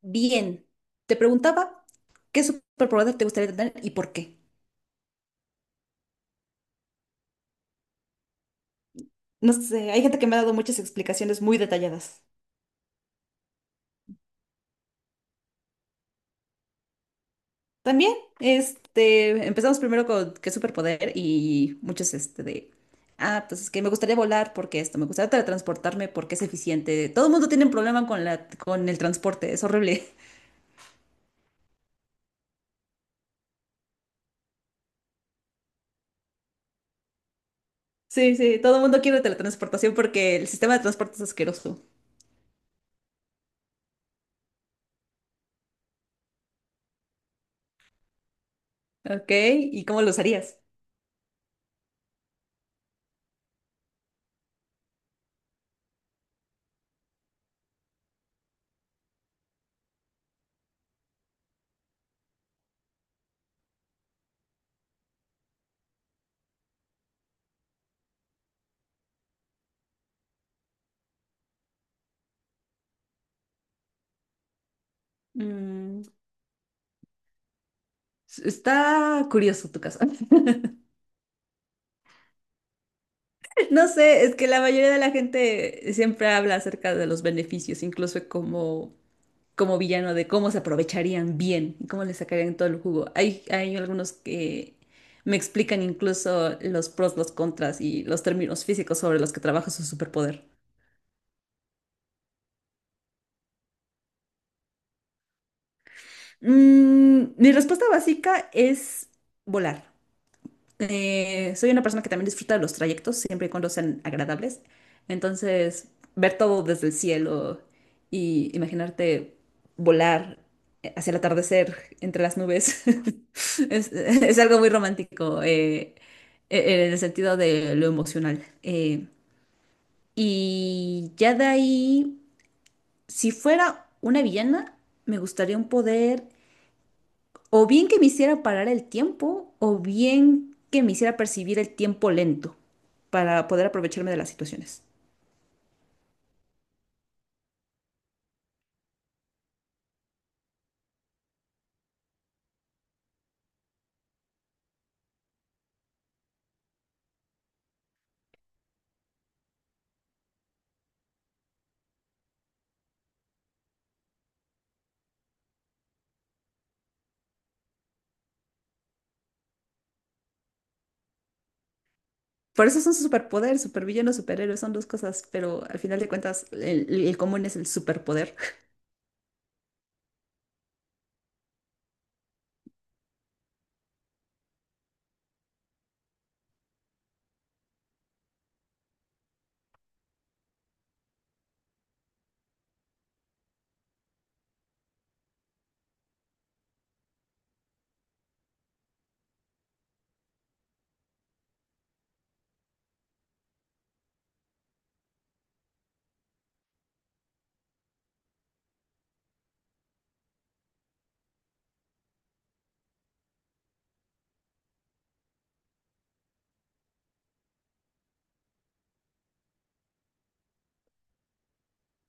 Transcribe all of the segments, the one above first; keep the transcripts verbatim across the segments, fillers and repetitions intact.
Bien, te preguntaba qué superpoder te gustaría tener y por qué. No sé, hay gente que me ha dado muchas explicaciones muy detalladas. También, este, empezamos primero con qué superpoder y muchos, este, de, ah, pues es que me gustaría volar porque esto, me gustaría teletransportarme porque es eficiente. Todo el mundo tiene un problema con la, con el transporte, es horrible. Sí, sí, todo el mundo quiere teletransportación porque el sistema de transporte es asqueroso. Ok, ¿y cómo lo usarías? Mm, s- Está curioso tu caso. No sé, es que la mayoría de la gente siempre habla acerca de los beneficios, incluso como, como villano, de cómo se aprovecharían bien y cómo le sacarían todo el jugo. Hay, hay algunos que me explican incluso los pros, los contras y los términos físicos sobre los que trabaja su superpoder. Mm, mi respuesta básica es volar. Eh, soy una persona que también disfruta de los trayectos, siempre y cuando sean agradables. Entonces, ver todo desde el cielo y imaginarte volar hacia el atardecer entre las nubes es, es algo muy romántico eh, eh, en el sentido de lo emocional. Eh, y ya de ahí, si fuera una villana, me gustaría un poder. O bien que me hiciera parar el tiempo, o bien que me hiciera percibir el tiempo lento para poder aprovecharme de las situaciones. Por eso son superpoder, supervillano, superhéroe, son dos cosas, pero al final de cuentas el, el común es el superpoder.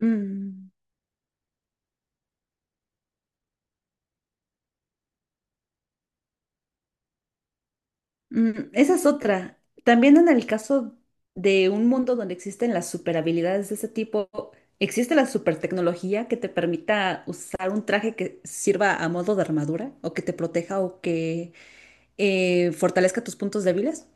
Mm. Mm, esa es otra. También en el caso de un mundo donde existen las superhabilidades de ese tipo, ¿existe la supertecnología que te permita usar un traje que sirva a modo de armadura o que te proteja o que eh, fortalezca tus puntos débiles?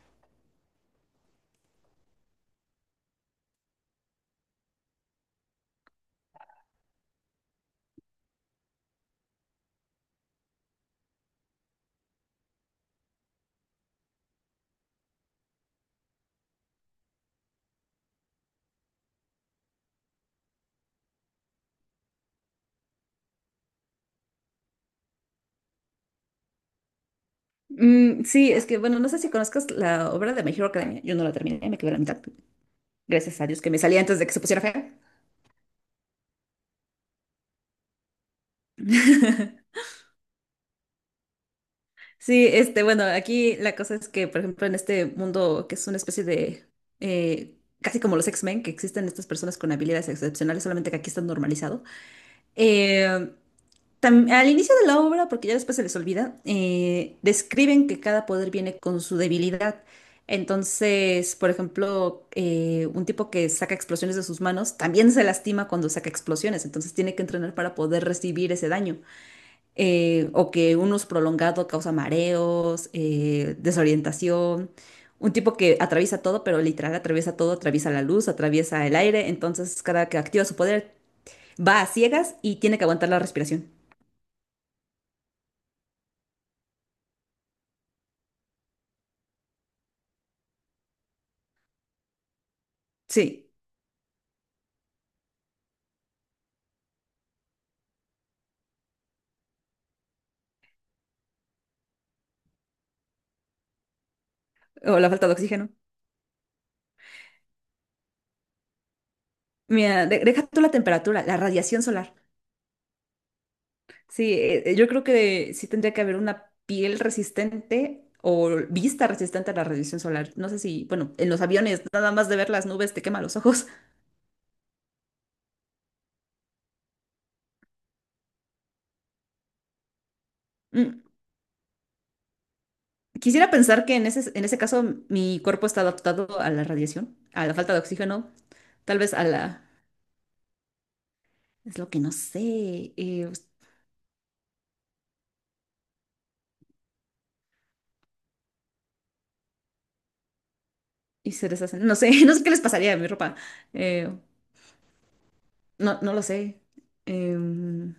Mm, sí, es que bueno, no sé si conozcas la obra de My Hero Academia. Yo no la terminé, me quedé a la mitad. Gracias a Dios que me salí antes de que se pusiera fea. Sí, este, bueno, aquí la cosa es que, por ejemplo, en este mundo que es una especie de, eh, casi como los X-Men, que existen estas personas con habilidades excepcionales, solamente que aquí está normalizado. Eh, tam- Al inicio de la obra, porque ya después se les olvida, eh, describen que cada poder viene con su debilidad. Entonces, por ejemplo, eh, un tipo que saca explosiones de sus manos también se lastima cuando saca explosiones, entonces tiene que entrenar para poder recibir ese daño eh, o que un uso prolongado causa mareos, eh, desorientación. Un tipo que atraviesa todo, pero literal atraviesa todo, atraviesa la luz, atraviesa el aire, entonces cada que activa su poder va a ciegas y tiene que aguantar la respiración. Sí, o la falta de oxígeno. Mira, de- deja tú la temperatura, la radiación solar. Sí, eh, yo creo que sí tendría que haber una piel resistente o vista resistente a la radiación solar. No sé si, bueno, en los aviones nada más de ver las nubes te quema los ojos. Quisiera pensar que en ese, en ese caso mi cuerpo está adaptado a la radiación, a la falta de oxígeno, tal vez a la. Es lo que no sé. eh, y se deshacen. No sé, no sé qué les pasaría a mi ropa. eh, no, no lo sé. em,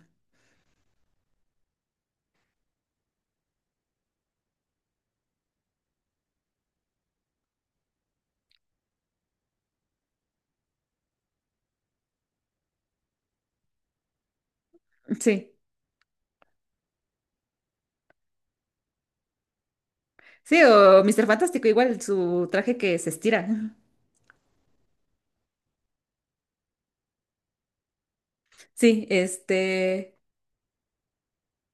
sí. Sí, o mister Fantástico, igual su traje que se estira. Sí, este...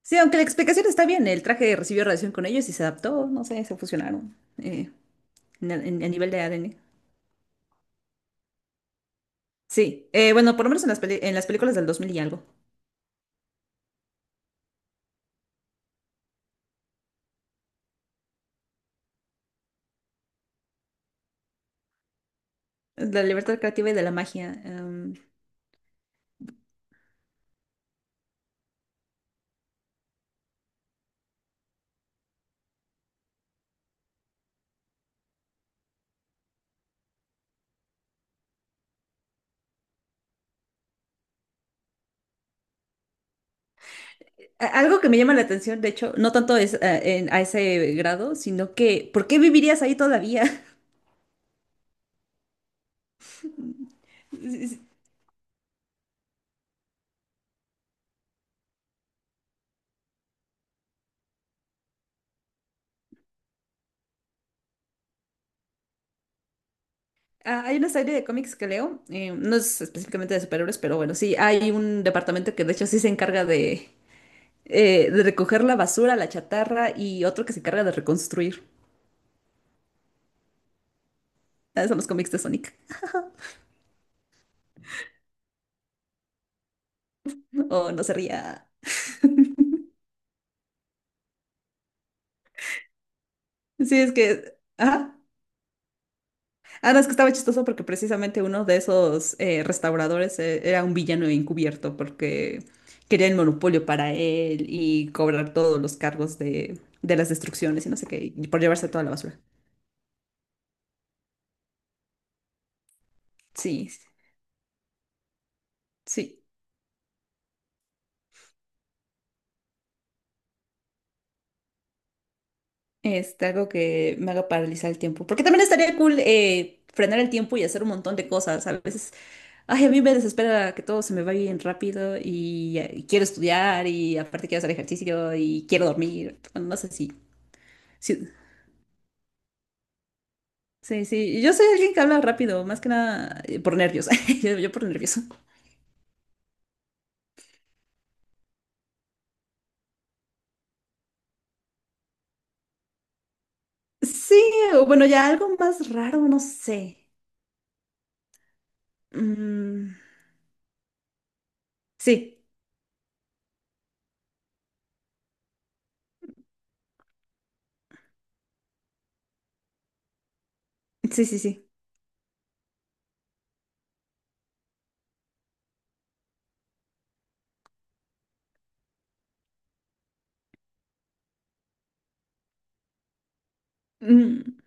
Sí, aunque la explicación está bien, el traje recibió radiación con ellos y se adaptó, no sé, se fusionaron eh, en el- en- a nivel de A D N. Sí, eh, bueno, por lo menos en las, peli- en las películas del dos mil y algo. La libertad creativa y de la magia. Em, a- algo que me llama la atención, de hecho, no tanto es eh, en- a ese grado, sino que, ¿por qué vivirías ahí todavía? Sí, sí. Ah, hay una serie de cómics que leo, eh, no es específicamente de superhéroes, pero bueno, sí, hay un departamento que de hecho sí se encarga de, eh, de recoger la basura, la chatarra y otro que se encarga de reconstruir. Ah, son los cómics de Sonic. O no sería. Sí, es que. Ajá. Ah, no, es que estaba chistoso porque precisamente uno de esos eh, restauradores eh, era un villano encubierto porque quería el monopolio para él y cobrar todos los cargos de, de las destrucciones y no sé qué, y por llevarse toda la basura. Sí, sí, este, algo que me haga paralizar el tiempo. Porque también estaría cool eh, frenar el tiempo y hacer un montón de cosas. A veces, ay, a mí me desespera que todo se me va bien rápido y, eh, quiero estudiar y aparte quiero hacer ejercicio y quiero dormir. Bueno, no sé si. Sí, sí, sí, yo soy alguien que habla rápido, más que nada eh, por nervios, yo, yo por nervioso. Sí, o bueno, ya algo más raro, no sé. Mm, sí, sí, sí, sí. Mm,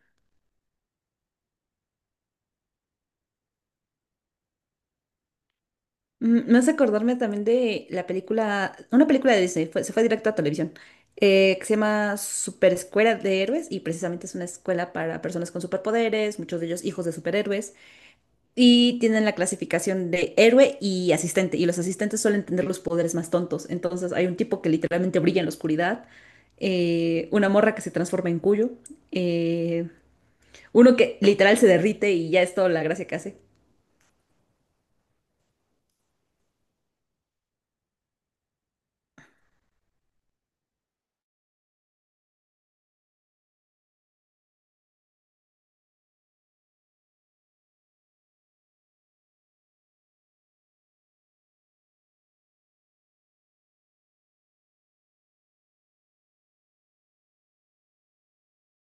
mm, Me hace acordarme también de la película, una película de Disney, fue- se fue directo a televisión, eh, que se llama Super Escuela de Héroes y precisamente es una escuela para personas con superpoderes, muchos de ellos hijos de superhéroes. Y tienen la clasificación de héroe y asistente. Y los asistentes suelen tener los poderes más tontos. Entonces hay un tipo que literalmente brilla en la oscuridad. Eh, una morra que se transforma en cuyo. eh, Uno que literal se derrite y ya es toda la gracia que hace.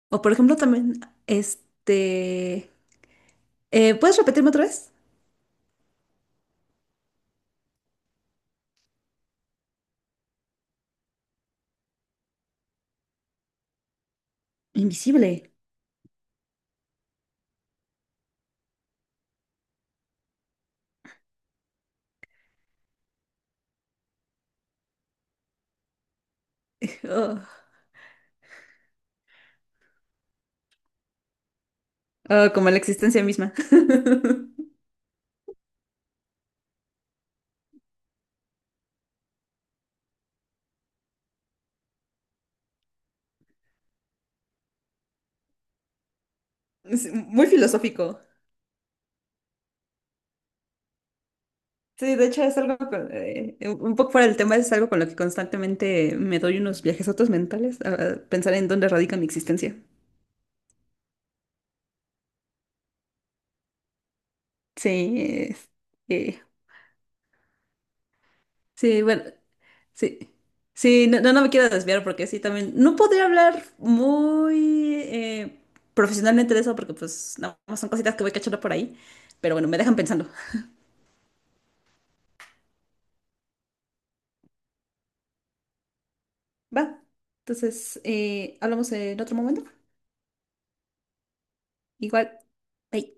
O por ejemplo también. este... eh, ¿Puedes repetirme otra vez? Invisible. Oh, oh, como la existencia misma. Es muy filosófico. Sí, de hecho es algo, con- eh, eh, un poco fuera del tema, es algo con lo que constantemente me doy unos viajes viajesotos mentales a a pensar en dónde radica mi existencia. Sí, es- eh, sí, bueno, sí. Sí, no, no, no me quiero desviar porque sí, también no podría hablar muy eh, profesionalmente de eso porque pues nada más son cositas que voy cachando por ahí, pero bueno, me dejan pensando. Va, entonces eh, hablamos en otro momento. Igual. Bye.